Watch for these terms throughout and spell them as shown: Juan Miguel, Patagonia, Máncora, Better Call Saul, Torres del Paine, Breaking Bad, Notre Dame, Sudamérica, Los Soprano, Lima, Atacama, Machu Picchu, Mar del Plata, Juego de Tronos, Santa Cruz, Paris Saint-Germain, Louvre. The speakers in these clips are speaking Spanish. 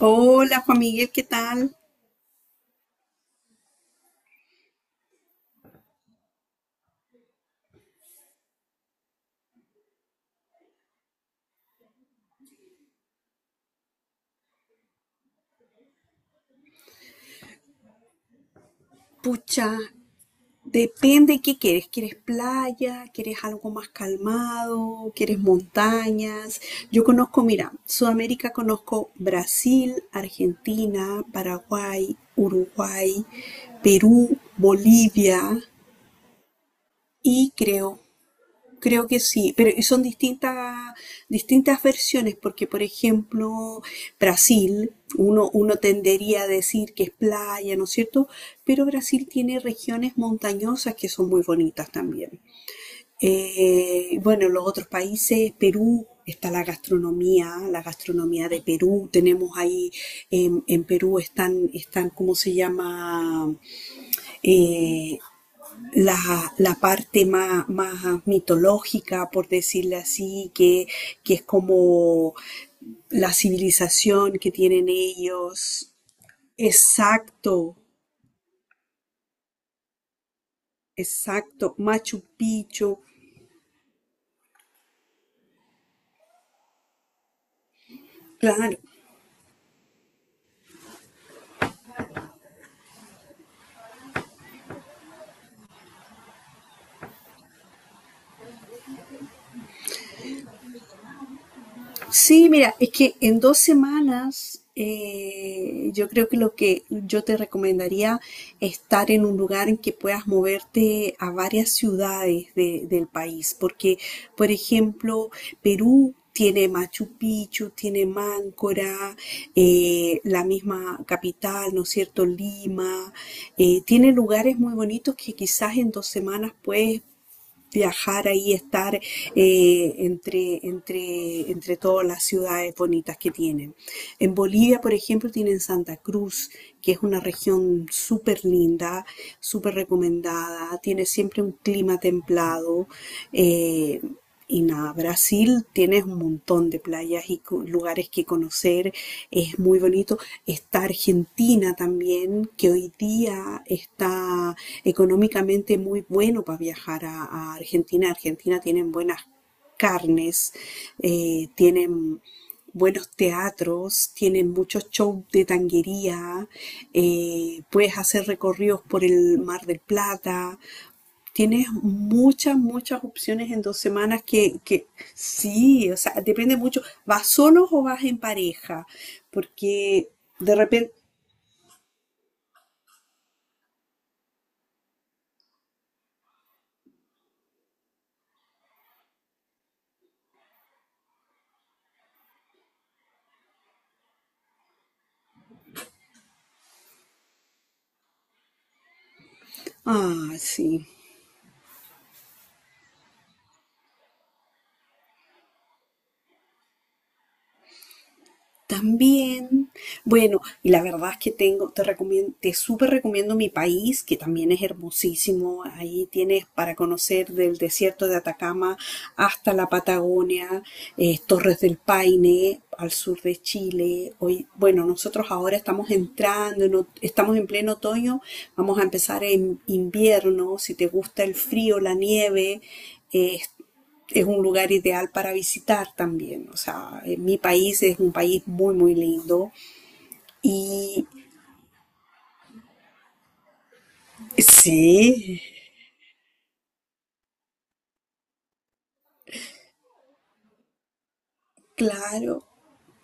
Hola Juan Miguel, ¿qué tal? Pucha, depende qué quieres. ¿Quieres playa? ¿Quieres algo más calmado? ¿Quieres montañas? Yo conozco, mira, Sudamérica conozco Brasil, Argentina, Paraguay, Uruguay, Perú, Bolivia y creo. Que sí, pero y son distintas, distintas versiones, porque por ejemplo, Brasil, uno tendería a decir que es playa, ¿no es cierto? Pero Brasil tiene regiones montañosas que son muy bonitas también. Bueno, los otros países, Perú, está la gastronomía de Perú, tenemos ahí, en Perú están, ¿cómo se llama? Eh, la, la parte más, más mitológica, por decirlo así, que es como la civilización que tienen ellos. Exacto, exacto. Machu Picchu. Claro, sí, mira, es que en dos semanas yo creo que lo que yo te recomendaría es estar en un lugar en que puedas moverte a varias ciudades del país, porque, por ejemplo, Perú tiene Machu Picchu, tiene Máncora, la misma capital, ¿no es cierto? Lima, tiene lugares muy bonitos que quizás en dos semanas puedes viajar ahí, estar entre todas las ciudades bonitas que tienen. En Bolivia, por ejemplo, tienen Santa Cruz, que es una región súper linda, súper recomendada, tiene siempre un clima templado. eh, y nada, Brasil tienes un montón de playas y lugares que conocer, es muy bonito. Está Argentina también, que hoy día está económicamente muy bueno para viajar a Argentina. Argentina tienen buenas carnes, tienen buenos teatros, tienen muchos shows de tanguería, puedes hacer recorridos por el Mar del Plata. Tienes muchas, muchas opciones en dos semanas que sí, o sea, depende mucho. ¿Vas solo o vas en pareja? Porque de repente, ah, sí. También, bueno, y la verdad es que tengo, te recomiendo, te súper recomiendo mi país, que también es hermosísimo. Ahí tienes para conocer del desierto de Atacama hasta la Patagonia, Torres del Paine, al sur de Chile. Hoy, bueno, nosotros ahora estamos entrando, estamos en pleno otoño, vamos a empezar en invierno. Si te gusta el frío, la nieve, eh, es un lugar ideal para visitar también. O sea, mi país es un país muy, muy lindo. Y sí, claro,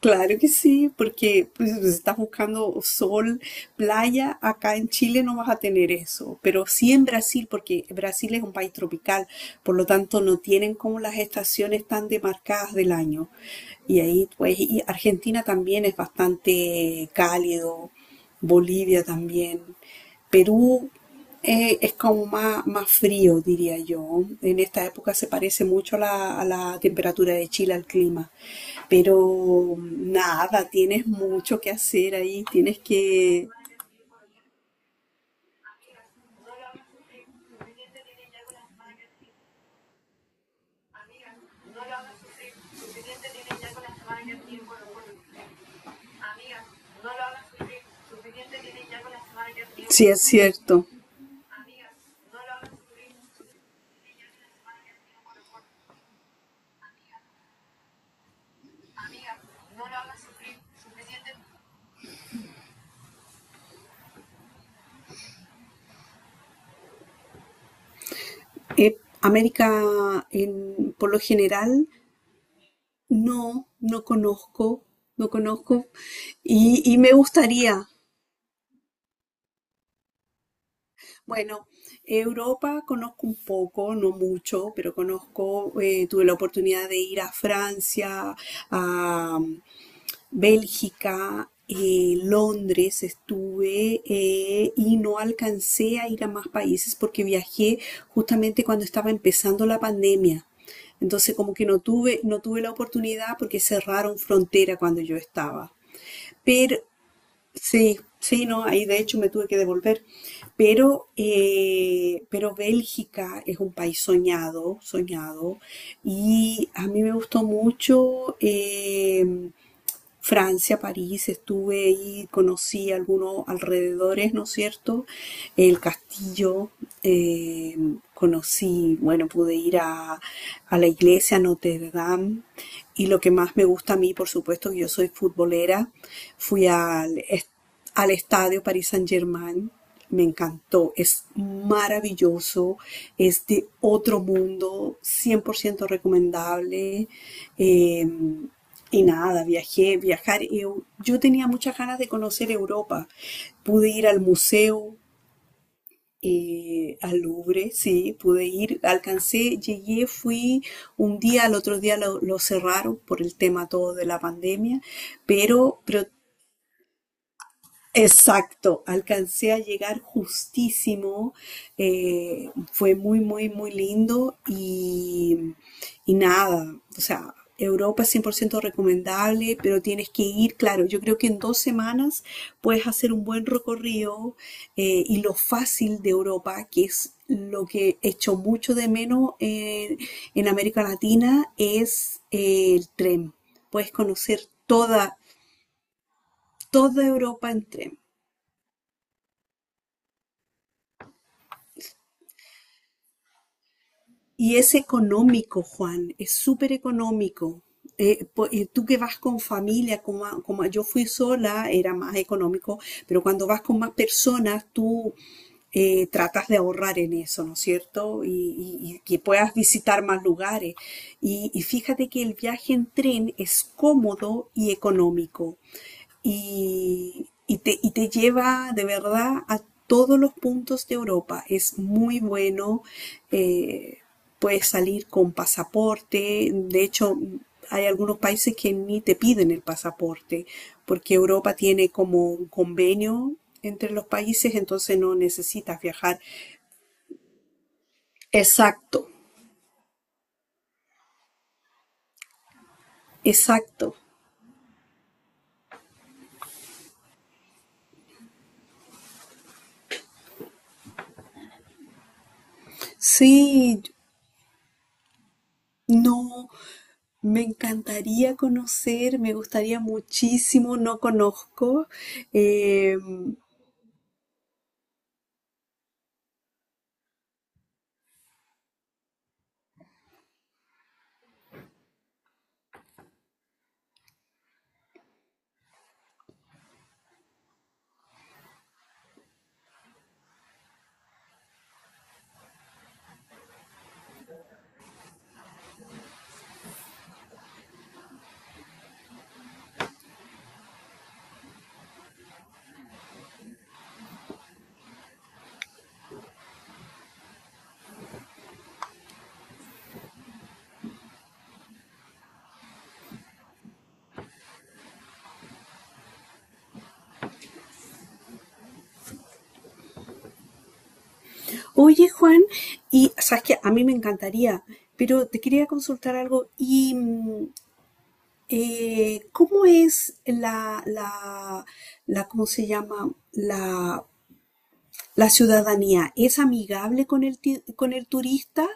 claro que sí, porque pues, si estás buscando sol, playa, acá en Chile no vas a tener eso, pero sí en Brasil, porque Brasil es un país tropical, por lo tanto no tienen como las estaciones tan demarcadas del año. Y ahí, pues, y Argentina también es bastante cálido, Bolivia también. Perú es como más, más frío, diría yo. En esta época se parece mucho a a la temperatura de Chile, al clima. Pero nada, tienes mucho que hacer ahí, tienes que... Sí, es cierto. América, por lo general, no conozco, no conozco. Y me gustaría, bueno, Europa conozco un poco, no mucho, pero conozco, tuve la oportunidad de ir a Francia, a Bélgica, Londres estuve y no alcancé a ir a más países porque viajé justamente cuando estaba empezando la pandemia. Entonces como que no tuve la oportunidad porque cerraron frontera cuando yo estaba. Pero sí, sí, no, ahí de hecho me tuve que devolver, pero Bélgica es un país soñado, soñado, y a mí me gustó mucho, Francia, París, estuve ahí, conocí algunos alrededores, ¿no es cierto? El castillo, eh, conocí, bueno, pude ir a la iglesia Notre Dame y lo que más me gusta a mí, por supuesto, que yo soy futbolera, fui al, al estadio Paris Saint-Germain, me encantó, es maravilloso, es de otro mundo, 100% recomendable. Eh, y nada, viajé, viajar. Y yo tenía muchas ganas de conocer Europa. Pude ir al museo, al Louvre, sí, pude ir, alcancé, llegué, fui un día, al otro día lo cerraron por el tema todo de la pandemia, pero exacto, alcancé a llegar justísimo, fue muy, muy, muy lindo y nada, o sea, Europa es 100% recomendable, pero tienes que ir, claro, yo creo que en dos semanas puedes hacer un buen recorrido y lo fácil de Europa, que es lo que echo mucho de menos en América Latina, es el tren. Puedes conocer toda, toda Europa en tren. Y es económico, Juan, es súper económico. Tú que vas con familia, yo fui sola, era más económico, pero cuando vas con más personas, tú tratas de ahorrar en eso, ¿no es cierto? Y que puedas visitar más lugares. Y fíjate que el viaje en tren es cómodo y económico y te lleva de verdad a todos los puntos de Europa. Es muy bueno, eh, puedes salir con pasaporte, de hecho hay algunos países que ni te piden el pasaporte, porque Europa tiene como un convenio entre los países, entonces no necesitas viajar. Exacto, exacto. Sí, no. Me encantaría conocer, me gustaría muchísimo, no conozco. Eh, oye, Juan, y sabes que a mí me encantaría, pero te quería consultar algo. ¿Y cómo es cómo se llama, la ciudadanía? ¿Es amigable con el, con el turista?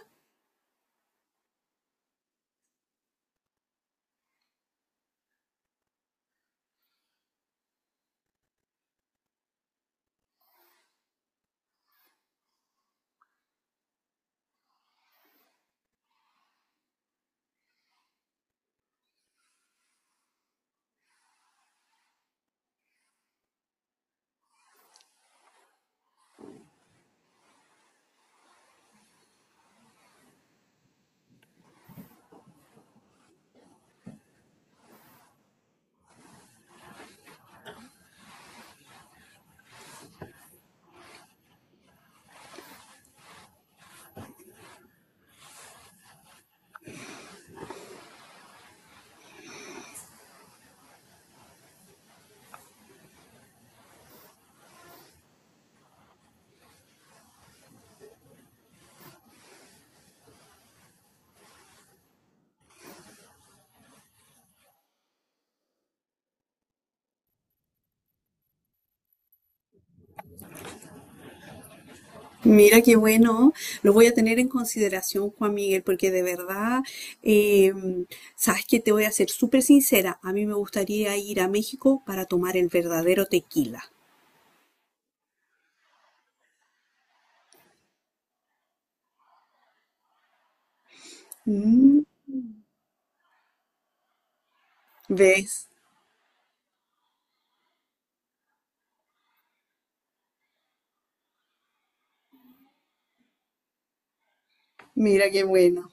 Mira qué bueno, lo voy a tener en consideración, Juan Miguel, porque de verdad, eh, sabes que te voy a ser súper sincera, a mí me gustaría ir a México para tomar el verdadero tequila. Mm, ¿ves? Mira qué bueno.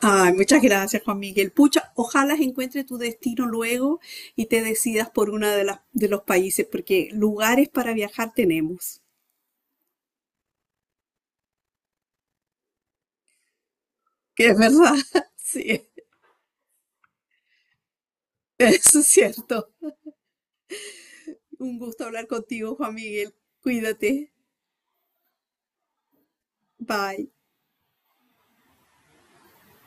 Ay, muchas gracias, Juan Miguel. Pucha, ojalá encuentre tu destino luego y te decidas por uno de las, de los países, porque lugares para viajar tenemos, que es verdad, sí, eso es cierto. Un gusto hablar contigo, Juan Miguel. Cuídate. Bye.